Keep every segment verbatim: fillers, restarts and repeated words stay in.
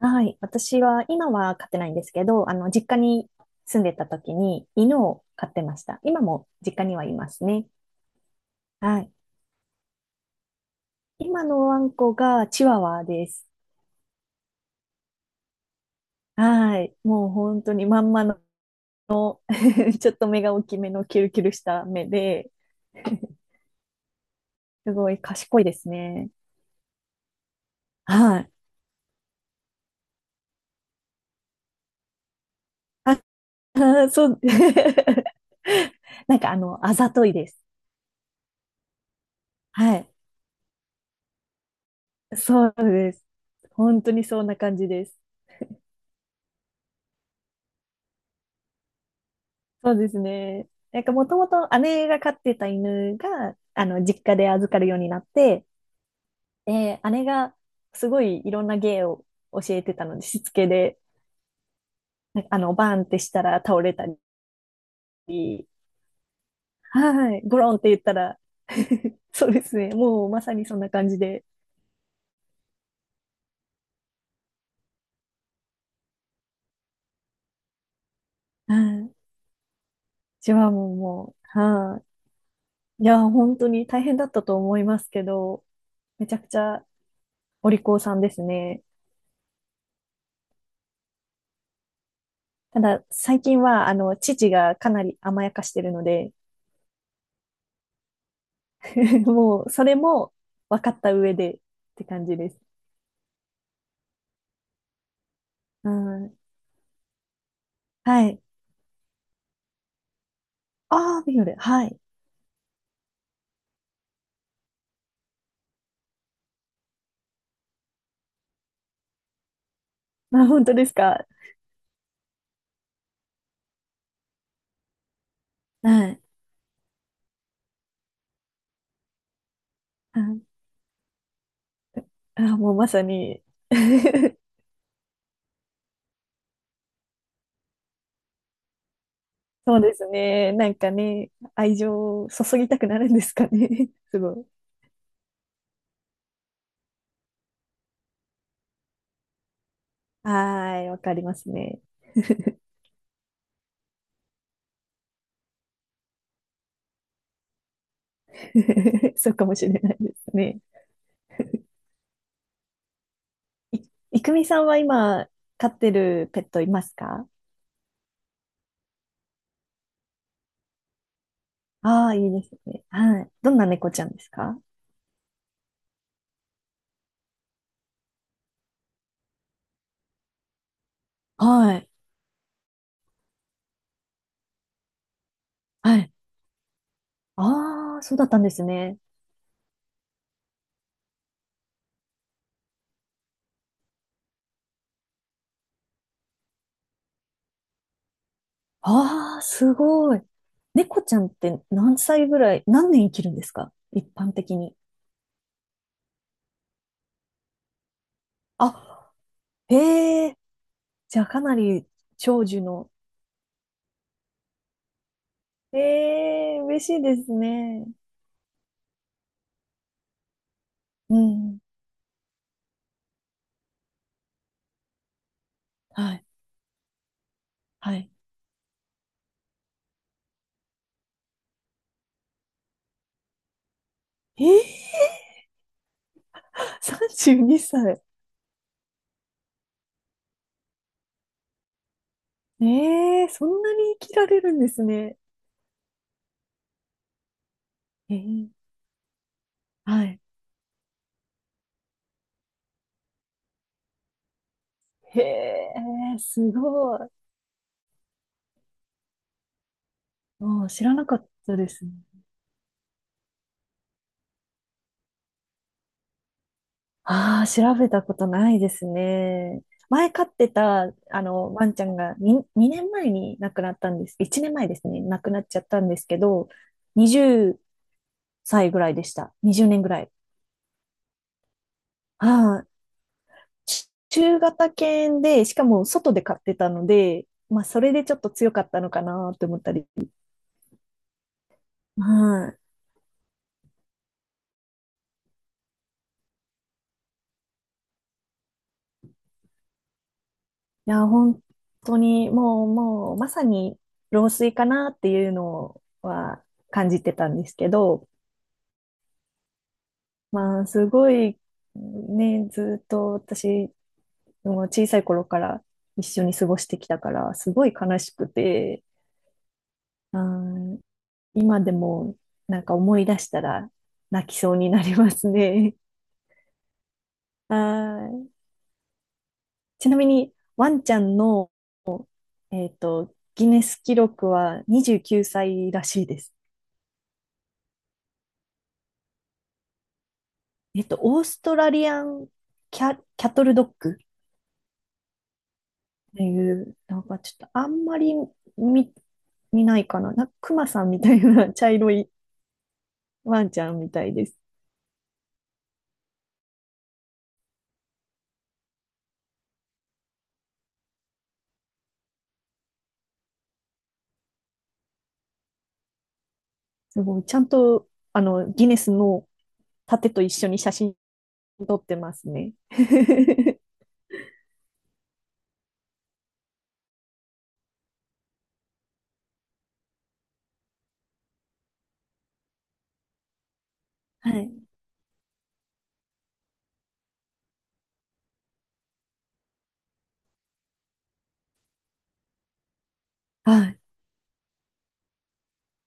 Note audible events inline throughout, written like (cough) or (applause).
はい。私は、今は飼ってないんですけど、あの、実家に住んでた時に犬を飼ってました。今も実家にはいますね。はい。今のワンコがチワワです。はい。もう本当にまんまの (laughs) ちょっと目が大きめのキルキルした目で、すごい賢いですね。はい。あ、あそう。(laughs) なんかあの、あざといです。はい。そうです。本当にそんな感じです。そうですね。なんかもともと姉が飼ってた犬が、あの、実家で預かるようになって、で、姉がすごいいろんな芸を教えてたので、しつけで、なんかあの、バーンってしたら倒れたり、はい、ゴロンって言ったら (laughs) そうですね。もうまさにそんな感じで、はい、うちはもう、もう、はい、いや、本当に大変だったと思いますけど、めちゃくちゃお利口さんですね。ただ、最近は、あの、父がかなり甘やかしてるので、(laughs) もう、それも分かった上でって感じです。うん。はい。ああ、ビオレ。はい。あ、本当ですか。はい。あ、あもうまさに (laughs) そうですね。なんかね、愛情を注ぎたくなるんですかね。(laughs) すごい。はーい、わかりますね。(laughs) そうかもしれないですね。い、いくみさんは今、飼ってるペットいますか？ああー、いいですね。はい。どんな猫ちゃんですか？はい。はい。ああ、そうだったんですね。ああ、すごい。猫ちゃんって何歳ぐらい、何年生きるんですか、一般的に。あ、へえ、じゃあかなり長寿の。ええ、嬉しいですね。うん。はい、はい。ええ、さんじゅうにさい。ええ、そんなに生きられるんですね。ええ、はい。へえ、すごい。ああ、知らなかったですね。ああ、調べたことないですね。前飼ってた、あの、ワンちゃんがにに、年前に亡くなったんです。いちねんまえですね。亡くなっちゃったんですけど、はたちぐらいでした。にじゅうねんぐらい。ああ、ち中型犬で、しかも外で飼ってたので、まあ、それでちょっと強かったのかなと思ったり。はい。いや、本当に、もう、もう、まさに、老衰かなっていうのは感じてたんですけど、まあ、すごい、ね、ずっと私、もう小さい頃から一緒に過ごしてきたから、すごい悲しくて、うん、今でもなんか思い出したら泣きそうになりますね。(laughs) はい。ちなみに、ワンちゃんの、えっと、ギネス記録はにじゅうきゅうさいらしいです。えっと、オーストラリアンキャ、キャトルドッグっていう、なんかちょっとあんまり見、見ないかな。なんかクマさんみたいな (laughs) 茶色いワンちゃんみたいです。すごい、ちゃんと、あの、ギネスの盾と一緒に写真撮ってますね。(laughs) はい。(laughs) は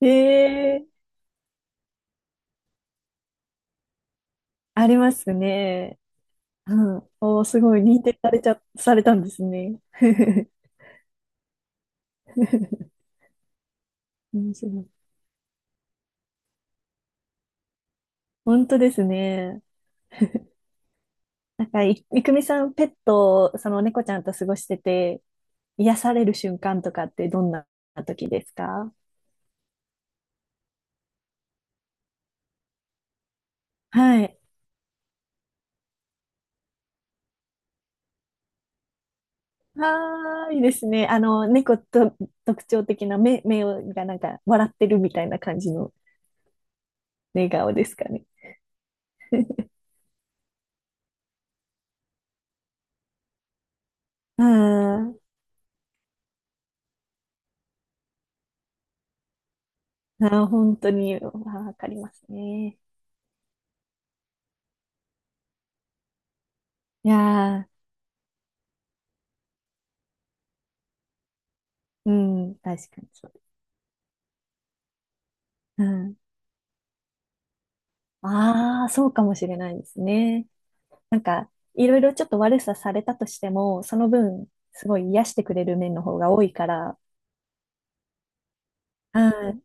い。えー、ありますね。うん。おー、すごい、認定されちゃ、されたんですね。(laughs) 面白い。本当ですね。なんか、い、いくみさん、ペット、その猫ちゃんと過ごしてて、癒される瞬間とかってどんな時ですか？はい。ああ、いいですね。あの、猫と特徴的な目、目がなんか笑ってるみたいな感じの寝顔ですかね。うん。あー本当に、わわかりますね。いやー、うん、確かにそう。うん。ああ、そうかもしれないですね。なんか、いろいろちょっと悪さされたとしても、その分、すごい癒してくれる面の方が多いから、はい。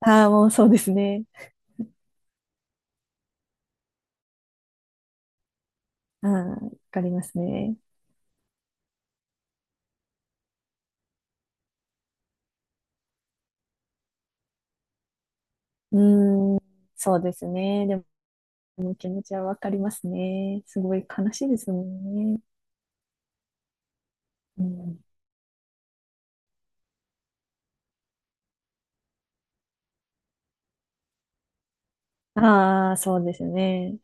ああ、もうそうですね。うん、わかりますね。うーん、そうですね。でも、気持ちはわかりますね。すごい悲しいですもんね。うん、ああ、そうですね。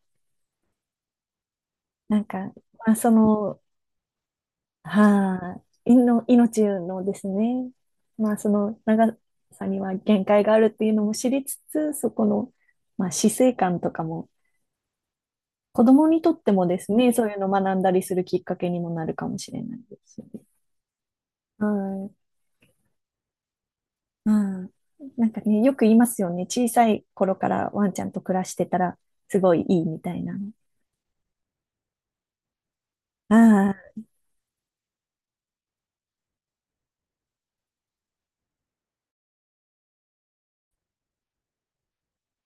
なんか、まあ、その、はい、いの、命のですね、まあ、その長さには限界があるっていうのも知りつつ、そこの、まあ、死生観とかも、子供にとってもですね、そういうのを学んだりするきっかけにもなるかもしれないですよね。はい。うん。なんかね、よく言いますよね。小さい頃からワンちゃんと暮らしてたら、すごいいいみたいなの。ああ、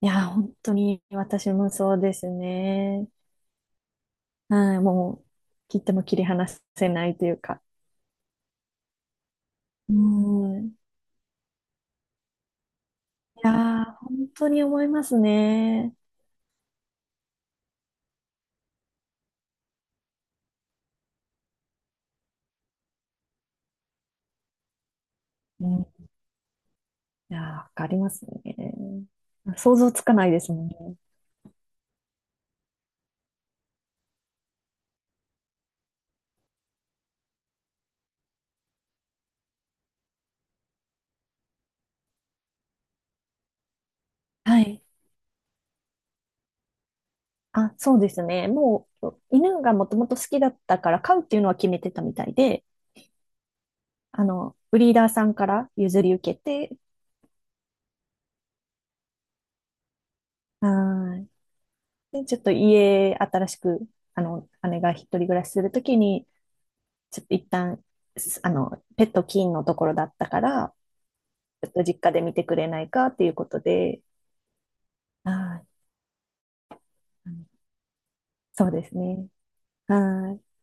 いや、本当に私もそうですね。うん、もう、切っても切り離せないというか。うん。いやー、本当に思いますね。うん。いやー、わかりますね。想像つかないですもんね。はい。あ、そうですね。もう、犬がもともと好きだったから飼うっていうのは決めてたみたいで、あの、ブリーダーさんから譲り受けて、はい。で、ちょっと家、新しく、あの、姉が一人暮らしするときに、ちょっと一旦、すあの、ペット禁のところだったから、ちょっと実家で見てくれないかっていうことで、はい。そうですね。はい。